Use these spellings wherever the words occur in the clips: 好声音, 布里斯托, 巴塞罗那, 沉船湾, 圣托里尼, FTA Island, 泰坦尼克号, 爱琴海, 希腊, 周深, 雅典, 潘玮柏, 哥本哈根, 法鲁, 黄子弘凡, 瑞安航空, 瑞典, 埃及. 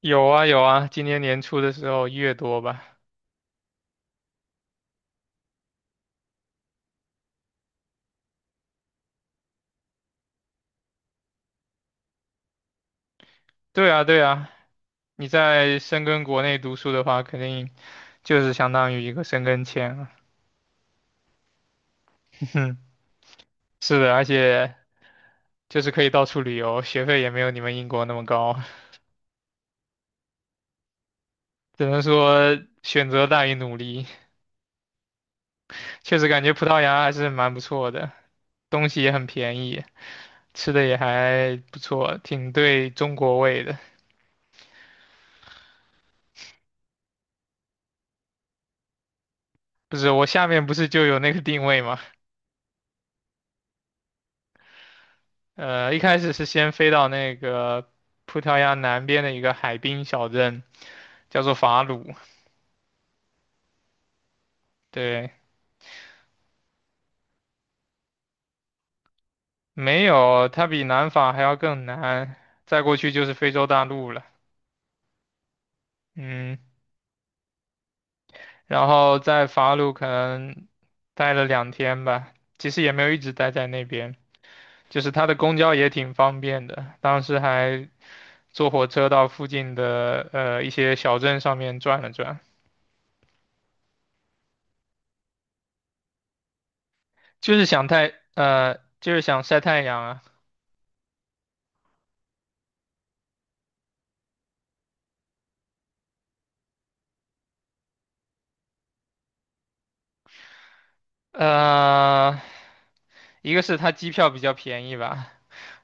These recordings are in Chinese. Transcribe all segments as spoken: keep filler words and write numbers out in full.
有啊有啊，今年年初的时候一月多吧。对啊对啊，你在深根国内读书的话，肯定就是相当于一个申根签了。哼，是的，而且就是可以到处旅游，学费也没有你们英国那么高。只能说选择大于努力。确实感觉葡萄牙还是蛮不错的，东西也很便宜，吃的也还不错，挺对中国胃的。不是，我下面不是就有那个定位吗？呃，一开始是先飞到那个葡萄牙南边的一个海滨小镇，叫做法鲁。对，没有，它比南法还要更南，再过去就是非洲大陆了。嗯，然后在法鲁可能待了两天吧，其实也没有一直待在那边，就是它的公交也挺方便的，当时还坐火车到附近的呃一些小镇上面转了转。就是想太呃就是想晒太阳啊。呃，一个是它机票比较便宜吧，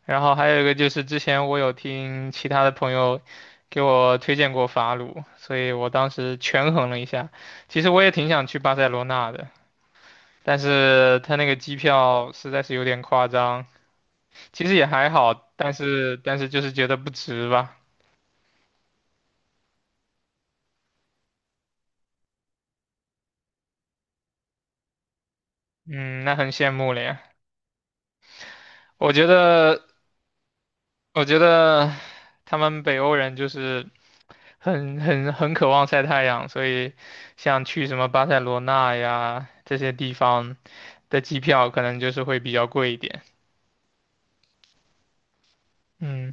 然后还有一个就是之前我有听其他的朋友给我推荐过法鲁，所以我当时权衡了一下，其实我也挺想去巴塞罗那的，但是它那个机票实在是有点夸张。其实也还好，但是但是就是觉得不值吧。嗯，那很羡慕了呀。我觉得我觉得他们北欧人就是很很很渴望晒太阳，所以像去什么巴塞罗那呀这些地方的机票可能就是会比较贵一点。嗯，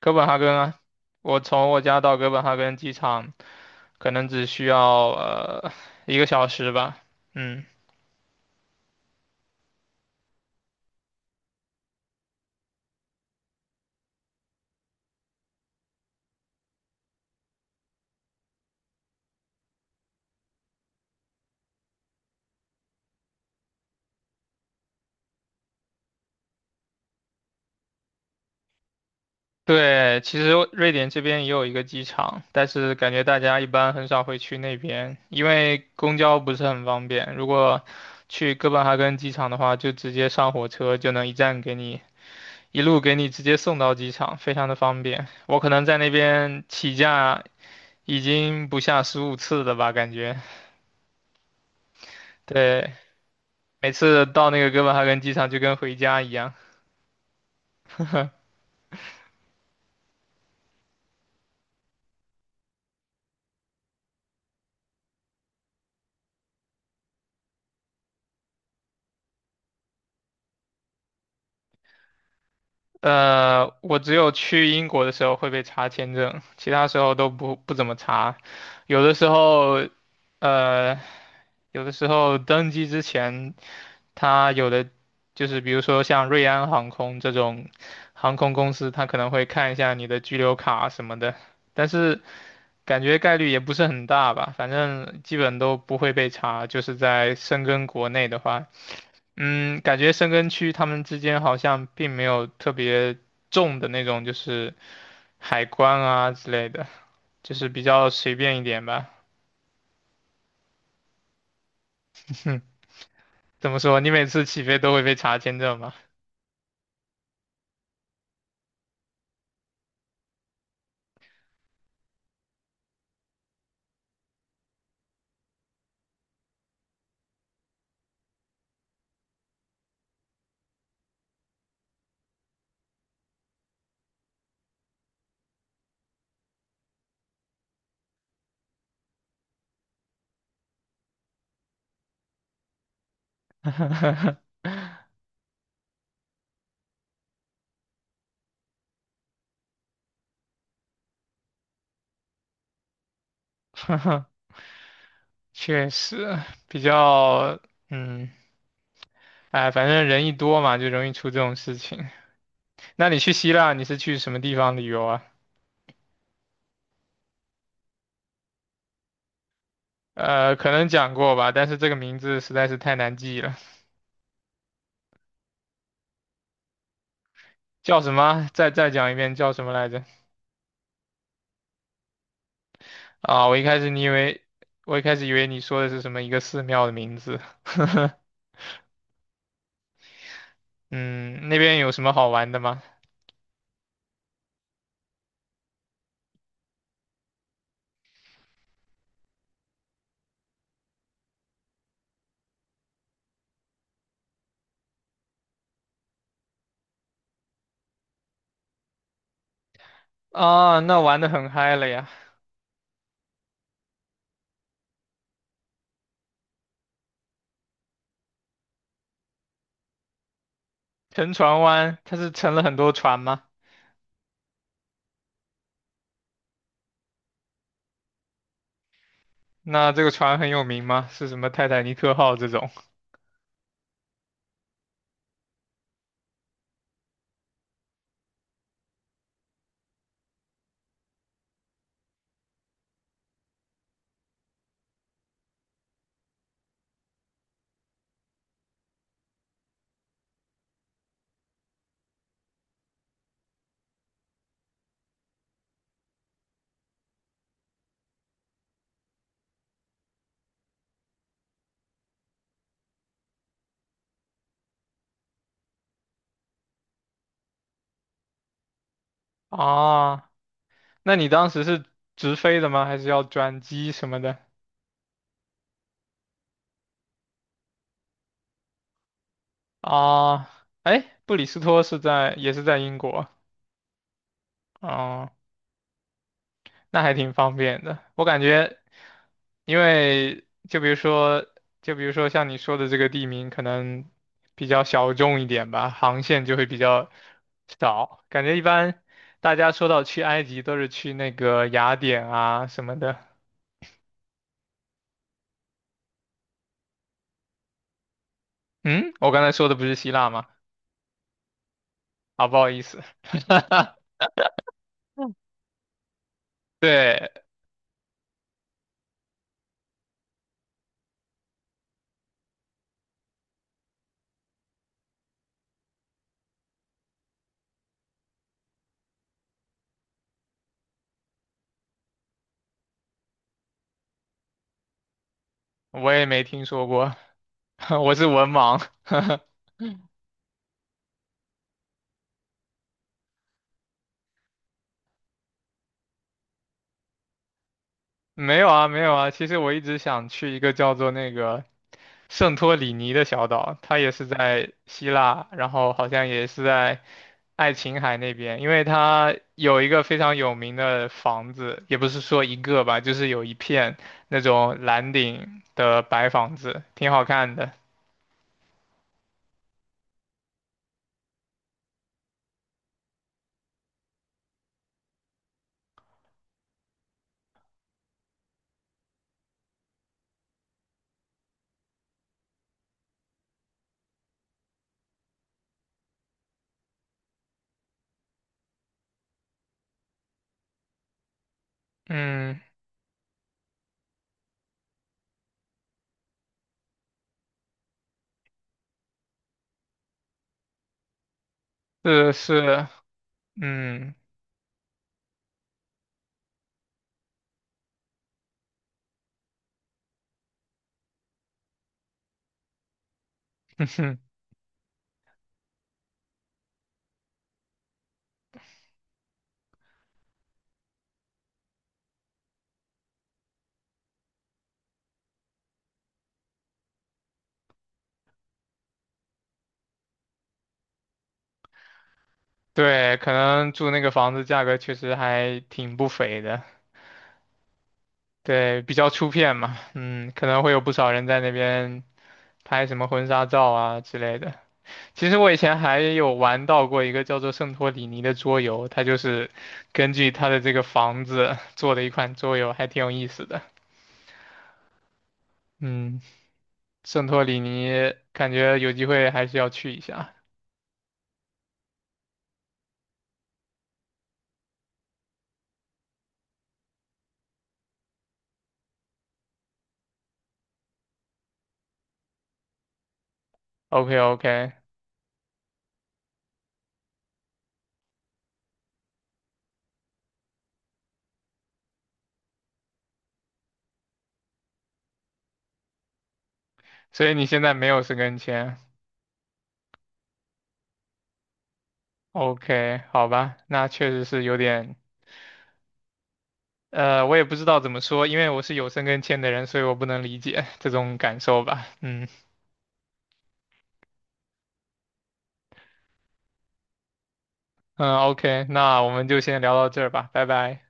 哥本哈根啊。我从我家到哥本哈根机场可能只需要呃一个小时吧。嗯，对，其实瑞典这边也有一个机场，但是感觉大家一般很少会去那边，因为公交不是很方便。如果去哥本哈根机场的话，就直接上火车就能一站给你，一路给你直接送到机场，非常的方便。我可能在那边起降已经不下十五次了吧，感觉。对，每次到那个哥本哈根机场就跟回家一样。呃，我只有去英国的时候会被查签证，其他时候都不不怎么查。有的时候，呃，有的时候登机之前，他有的就是比如说像瑞安航空这种航空公司，他可能会看一下你的居留卡什么的。但是感觉概率也不是很大吧，反正基本都不会被查。就是在深根国内的话，嗯，感觉深根区他们之间好像并没有特别重的那种，就是海关啊之类的，就是比较随便一点吧。哼，怎么说？你每次起飞都会被查签证吗？确实，比较，嗯，哎，反正人一多嘛，就容易出这种事情。那你去希腊，你是去什么地方旅游啊？呃，可能讲过吧，但是这个名字实在是太难记了。叫什么？再再讲一遍，叫什么来着？啊，我一开始你以为，我一开始以为你说的是什么一个寺庙的名字。嗯，那边有什么好玩的吗？啊，那玩的很嗨了呀。沉船湾，它是沉了很多船吗？那这个船很有名吗？是什么泰坦尼克号这种？啊，那你当时是直飞的吗？还是要转机什么的？啊，哎，布里斯托是在，也是在英国。哦，那还挺方便的。我感觉，因为就比如说，就比如说像你说的这个地名，可能比较小众一点吧，航线就会比较少。感觉一般大家说到去埃及，都是去那个雅典啊什么的。嗯，我刚才说的不是希腊吗？啊，不好意思。对，我也没听说过。我是文盲。没有啊，没有啊。其实我一直想去一个叫做那个圣托里尼的小岛，它也是在希腊，然后好像也是在爱琴海那边，因为它有一个非常有名的房子，也不是说一个吧，就是有一片那种蓝顶的白房子，挺好看的。嗯，是是，嗯，对，可能住那个房子价格确实还挺不菲的。对，比较出片嘛，嗯，可能会有不少人在那边拍什么婚纱照啊之类的。其实我以前还有玩到过一个叫做《圣托里尼》的桌游，它就是根据它的这个房子做的一款桌游，还挺有意思的。嗯，圣托里尼感觉有机会还是要去一下。OK OK。所以你现在没有申根签？OK，好吧，那确实是有点呃，我也不知道怎么说。因为我是有深跟签的人，所以我不能理解 这种感受吧。嗯嗯，OK，那我们就先聊到这儿吧，拜拜。